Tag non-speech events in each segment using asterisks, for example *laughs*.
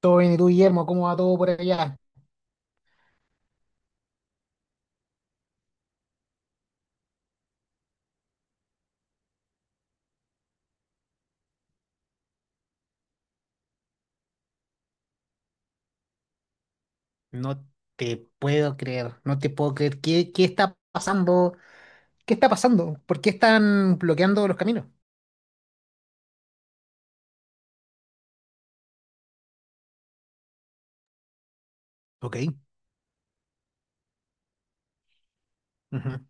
Todo bien, ¿y tú, Guillermo? ¿Cómo va todo por allá? No te puedo creer, no te puedo creer. ¿Qué está pasando? ¿Qué está pasando? ¿Por qué están bloqueando los caminos? Ok. Ujú.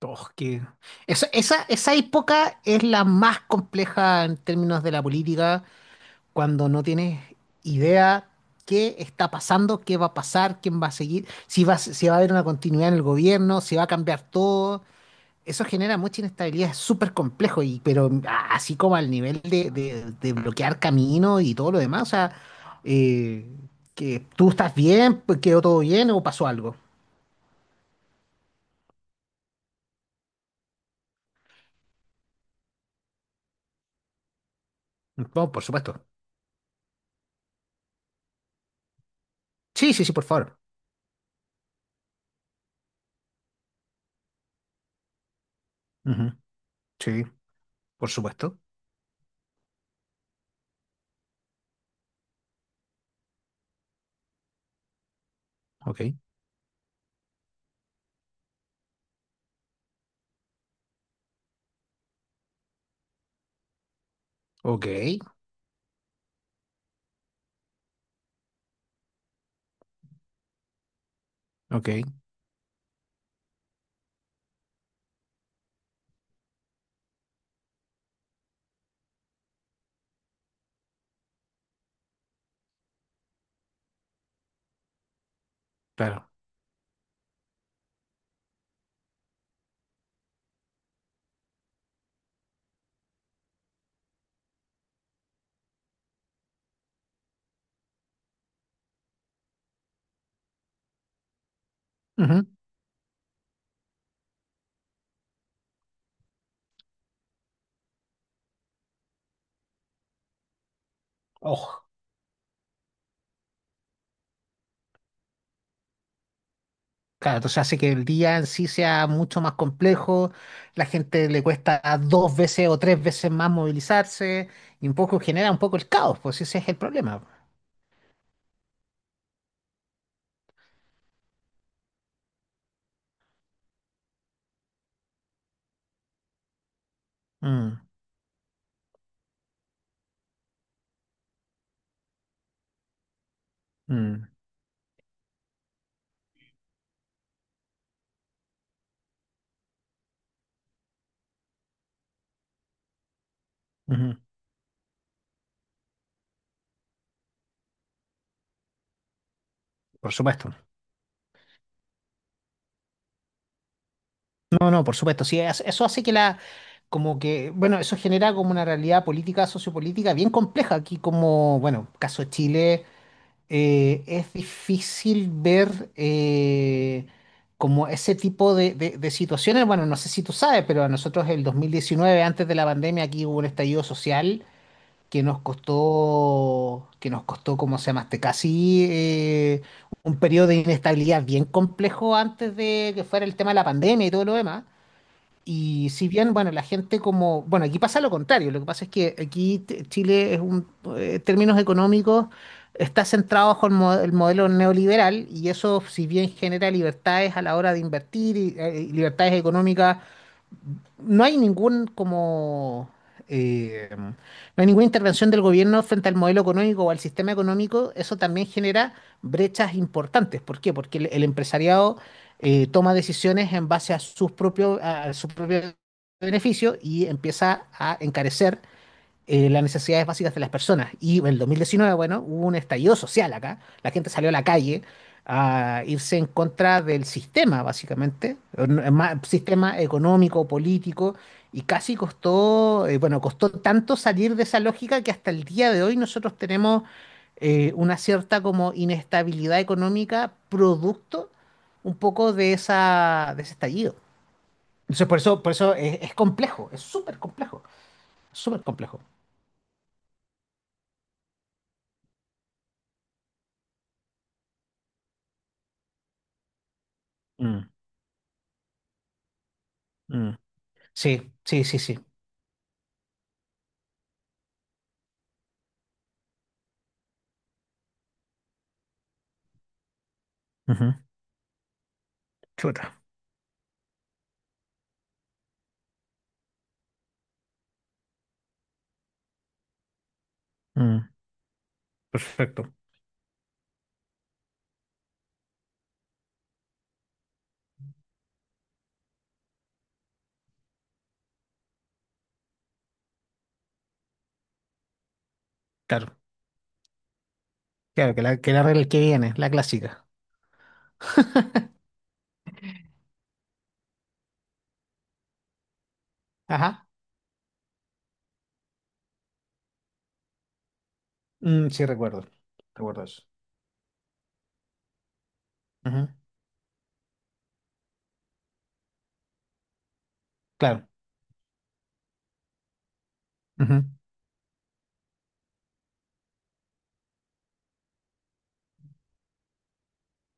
Oh. Esa época es la más compleja en términos de la política, cuando no tienes idea qué está pasando, qué va a pasar, quién va a seguir, si va a haber una continuidad en el gobierno, si va a cambiar todo. Eso genera mucha inestabilidad, es súper complejo, pero así como al nivel de bloquear camino y todo lo demás, o sea, eh, que tú estás bien, pues, quedó todo bien o pasó algo. No, por supuesto. Sí, sí, sí, por favor. Ujú. Sí, por supuesto. Ok, ok, ok, claro. Ujú. Ojo. Claro, entonces hace que el día en sí sea mucho más complejo, la gente le cuesta dos veces o tres veces más movilizarse y un poco genera un poco el caos, pues ese es el problema. Mm, mm, ujú. Por supuesto. No, no, por supuesto. Sí, eso hace que la, como que, bueno, eso genera como una realidad política, sociopolítica bien compleja. Aquí como, bueno, caso de Chile, es difícil ver como ese tipo de situaciones. Bueno, no sé si tú sabes, pero a nosotros el 2019 antes de la pandemia, aquí hubo un estallido social que nos costó, ¿cómo se llama? Casi un periodo de inestabilidad bien complejo antes de que fuera el tema de la pandemia y todo lo demás. Y si bien, bueno, la gente como, bueno, aquí pasa lo contrario, lo que pasa es que aquí Chile es un, en términos económicos, está centrado bajo el modelo neoliberal y eso, si bien genera libertades a la hora de invertir y libertades económicas no hay ningún como no hay ninguna intervención del gobierno frente al modelo económico o al sistema económico, eso también genera brechas importantes. ¿Por qué? Porque el empresariado toma decisiones en base a sus propios, a su propio beneficio y empieza a encarecer las necesidades básicas de las personas. Y en el 2019, bueno, hubo un estallido social acá. La gente salió a la calle a irse en contra del sistema, básicamente, o no- ma- sistema económico, político, y casi costó, bueno, costó tanto salir de esa lógica que hasta el día de hoy nosotros tenemos una cierta como inestabilidad económica producto un poco de esa, de ese estallido. Entonces, por eso es complejo, es súper complejo, súper complejo. Mm, mm. Sí, sí, sí, sí. Ujú. Chuta. Mm. Perfecto. Claro. Claro, que la, regla que viene, la clásica. Ajá. Mm, sí, recuerdo. Recuerdo eso. Ujú. Claro. Ujú.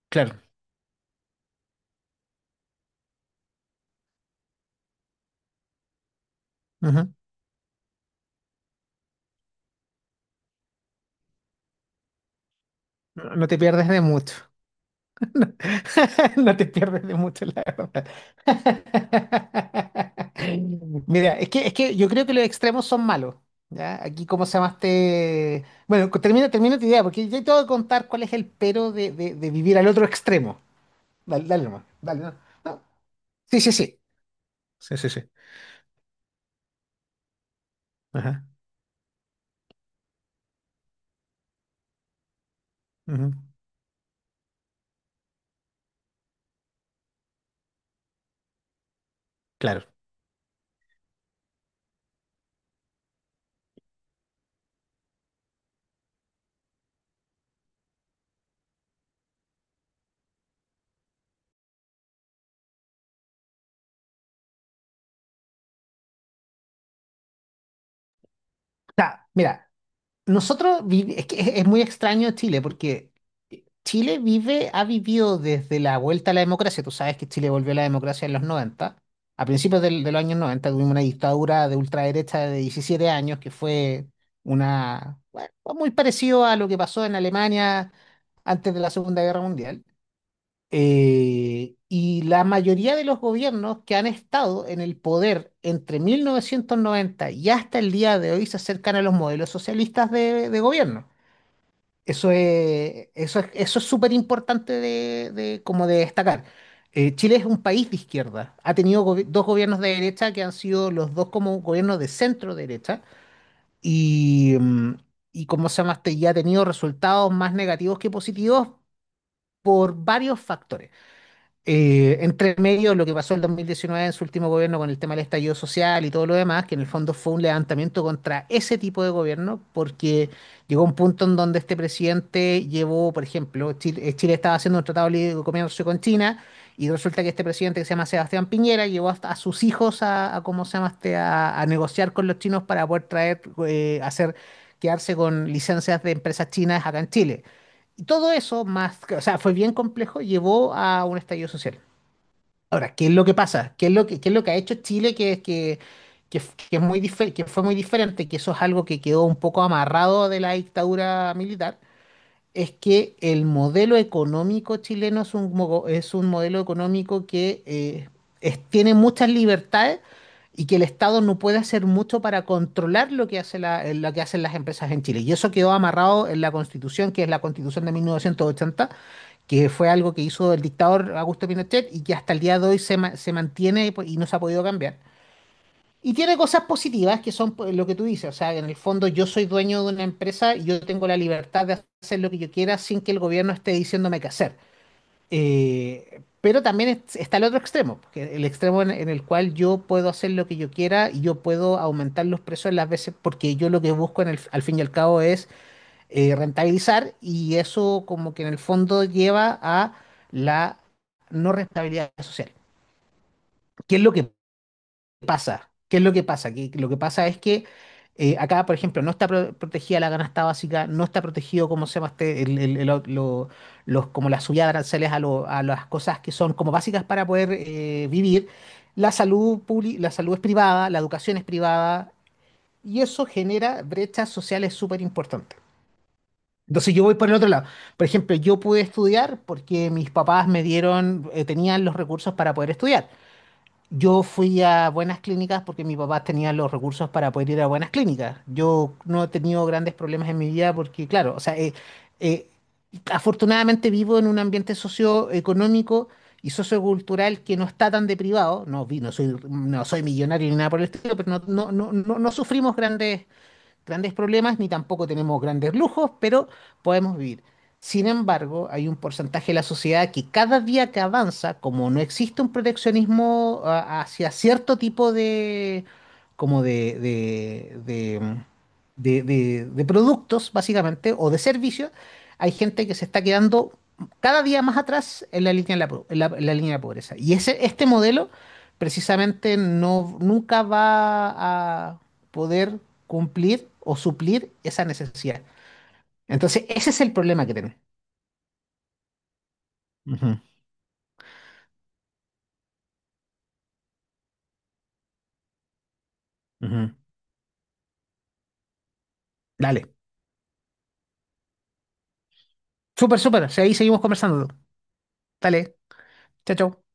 Claro. Ujú. No, no te pierdes de mucho. *laughs* No te pierdes de mucho, la verdad. *laughs* Mira, es que yo creo que los extremos son malos. ¿Ya? Aquí, ¿cómo se llamaste? Bueno, termina, termina tu idea, porque yo te voy a contar cuál es el pero de vivir al otro extremo. Dale, dale nomás. Dale, no. No. Sí, sí, sí. Sí, sí, sí. Ajá. Ujú. Claro. O sea, mira, nosotros es que es muy extraño Chile porque Chile vive, ha vivido desde la vuelta a la democracia. Tú sabes que Chile volvió a la democracia en los noventa. A principios de los años 90 tuvimos una dictadura de ultraderecha de 17 años que fue bueno, muy parecido a lo que pasó en Alemania antes de la Segunda Guerra Mundial. Y la mayoría de los gobiernos que han estado en el poder entre 1990 y hasta el día de hoy se acercan a los modelos socialistas de gobierno. Eso es súper importante como de destacar. Chile es un país de izquierda. Ha tenido dos gobiernos de derecha que han sido los dos como gobiernos de centro derecha. Y, mm, y como se llama, este, y ha tenido resultados más negativos que positivos por varios factores entre medio lo que pasó el 2019 en su último gobierno con el tema del estallido social y todo lo demás, que en el fondo fue un levantamiento contra ese tipo de gobierno, porque llegó un punto en donde este presidente llevó, por ejemplo, Chile, Chile estaba haciendo un tratado libre de comercio con China, y resulta que este presidente que se llama Sebastián Piñera llevó hasta a sus hijos a ¿cómo se llama este? A negociar con los chinos para poder traer, hacer, quedarse con licencias de empresas chinas acá en Chile. Y todo eso, más, o sea, fue bien complejo, llevó a un estallido social. Ahora, ¿qué es lo que pasa? ¿Qué es lo que ha hecho Chile que que fue muy diferente? Que eso es algo que quedó un poco amarrado de la dictadura militar, es que el modelo económico chileno es un modelo económico que tiene muchas libertades y que el Estado no puede hacer mucho para controlar lo que hace lo que hacen las empresas en Chile. Y eso quedó amarrado en la Constitución, que es la Constitución de 1980 que fue algo que hizo el dictador Augusto Pinochet y que hasta el día de hoy se mantiene y no se ha podido cambiar. Y tiene cosas positivas que son pues, lo que tú dices, o sea, en el fondo yo soy dueño de una empresa y yo tengo la libertad de hacer lo que yo quiera sin que el gobierno esté diciéndome qué hacer. Pero también está el otro extremo, que el extremo en el cual yo puedo hacer lo que yo quiera y yo puedo aumentar los precios las veces porque yo lo que busco al fin y al cabo es rentabilizar y eso como que en el fondo lleva a la no rentabilidad social. ¿Qué es lo que pasa? ¿Qué es lo que pasa? Que lo que pasa es que acá, por ejemplo, no está protegida la canasta básica, no está protegido, como se llama este, los, como la subida de aranceles a las cosas que son como básicas para poder vivir. La salud es privada, la educación es privada, y eso genera brechas sociales súper importantes. Entonces yo voy por el otro lado. Por ejemplo, yo pude estudiar porque mis papás tenían los recursos para poder estudiar. Yo fui a buenas clínicas porque mi papá tenía los recursos para poder ir a buenas clínicas. Yo no he tenido grandes problemas en mi vida porque, claro, o sea, eh, afortunadamente vivo en un ambiente socioeconómico y sociocultural que no está tan deprivado. No, no soy millonario ni nada por el estilo, pero no sufrimos grandes problemas ni tampoco tenemos grandes lujos, pero podemos vivir. Sin embargo, hay un porcentaje de la sociedad que cada día que avanza, como no existe un proteccionismo hacia cierto tipo de, como de productos, básicamente, o de servicios, hay gente que se está quedando cada día más atrás en la línea de la, po- en la línea de la pobreza. Y ese, este modelo precisamente no, nunca va a, poder cumplir o suplir esa necesidad. Entonces, ese es el problema que tenemos. Ujú, ujú. Dale. Súper, súper. O sea, ahí seguimos conversando. Dale. Chao, chao.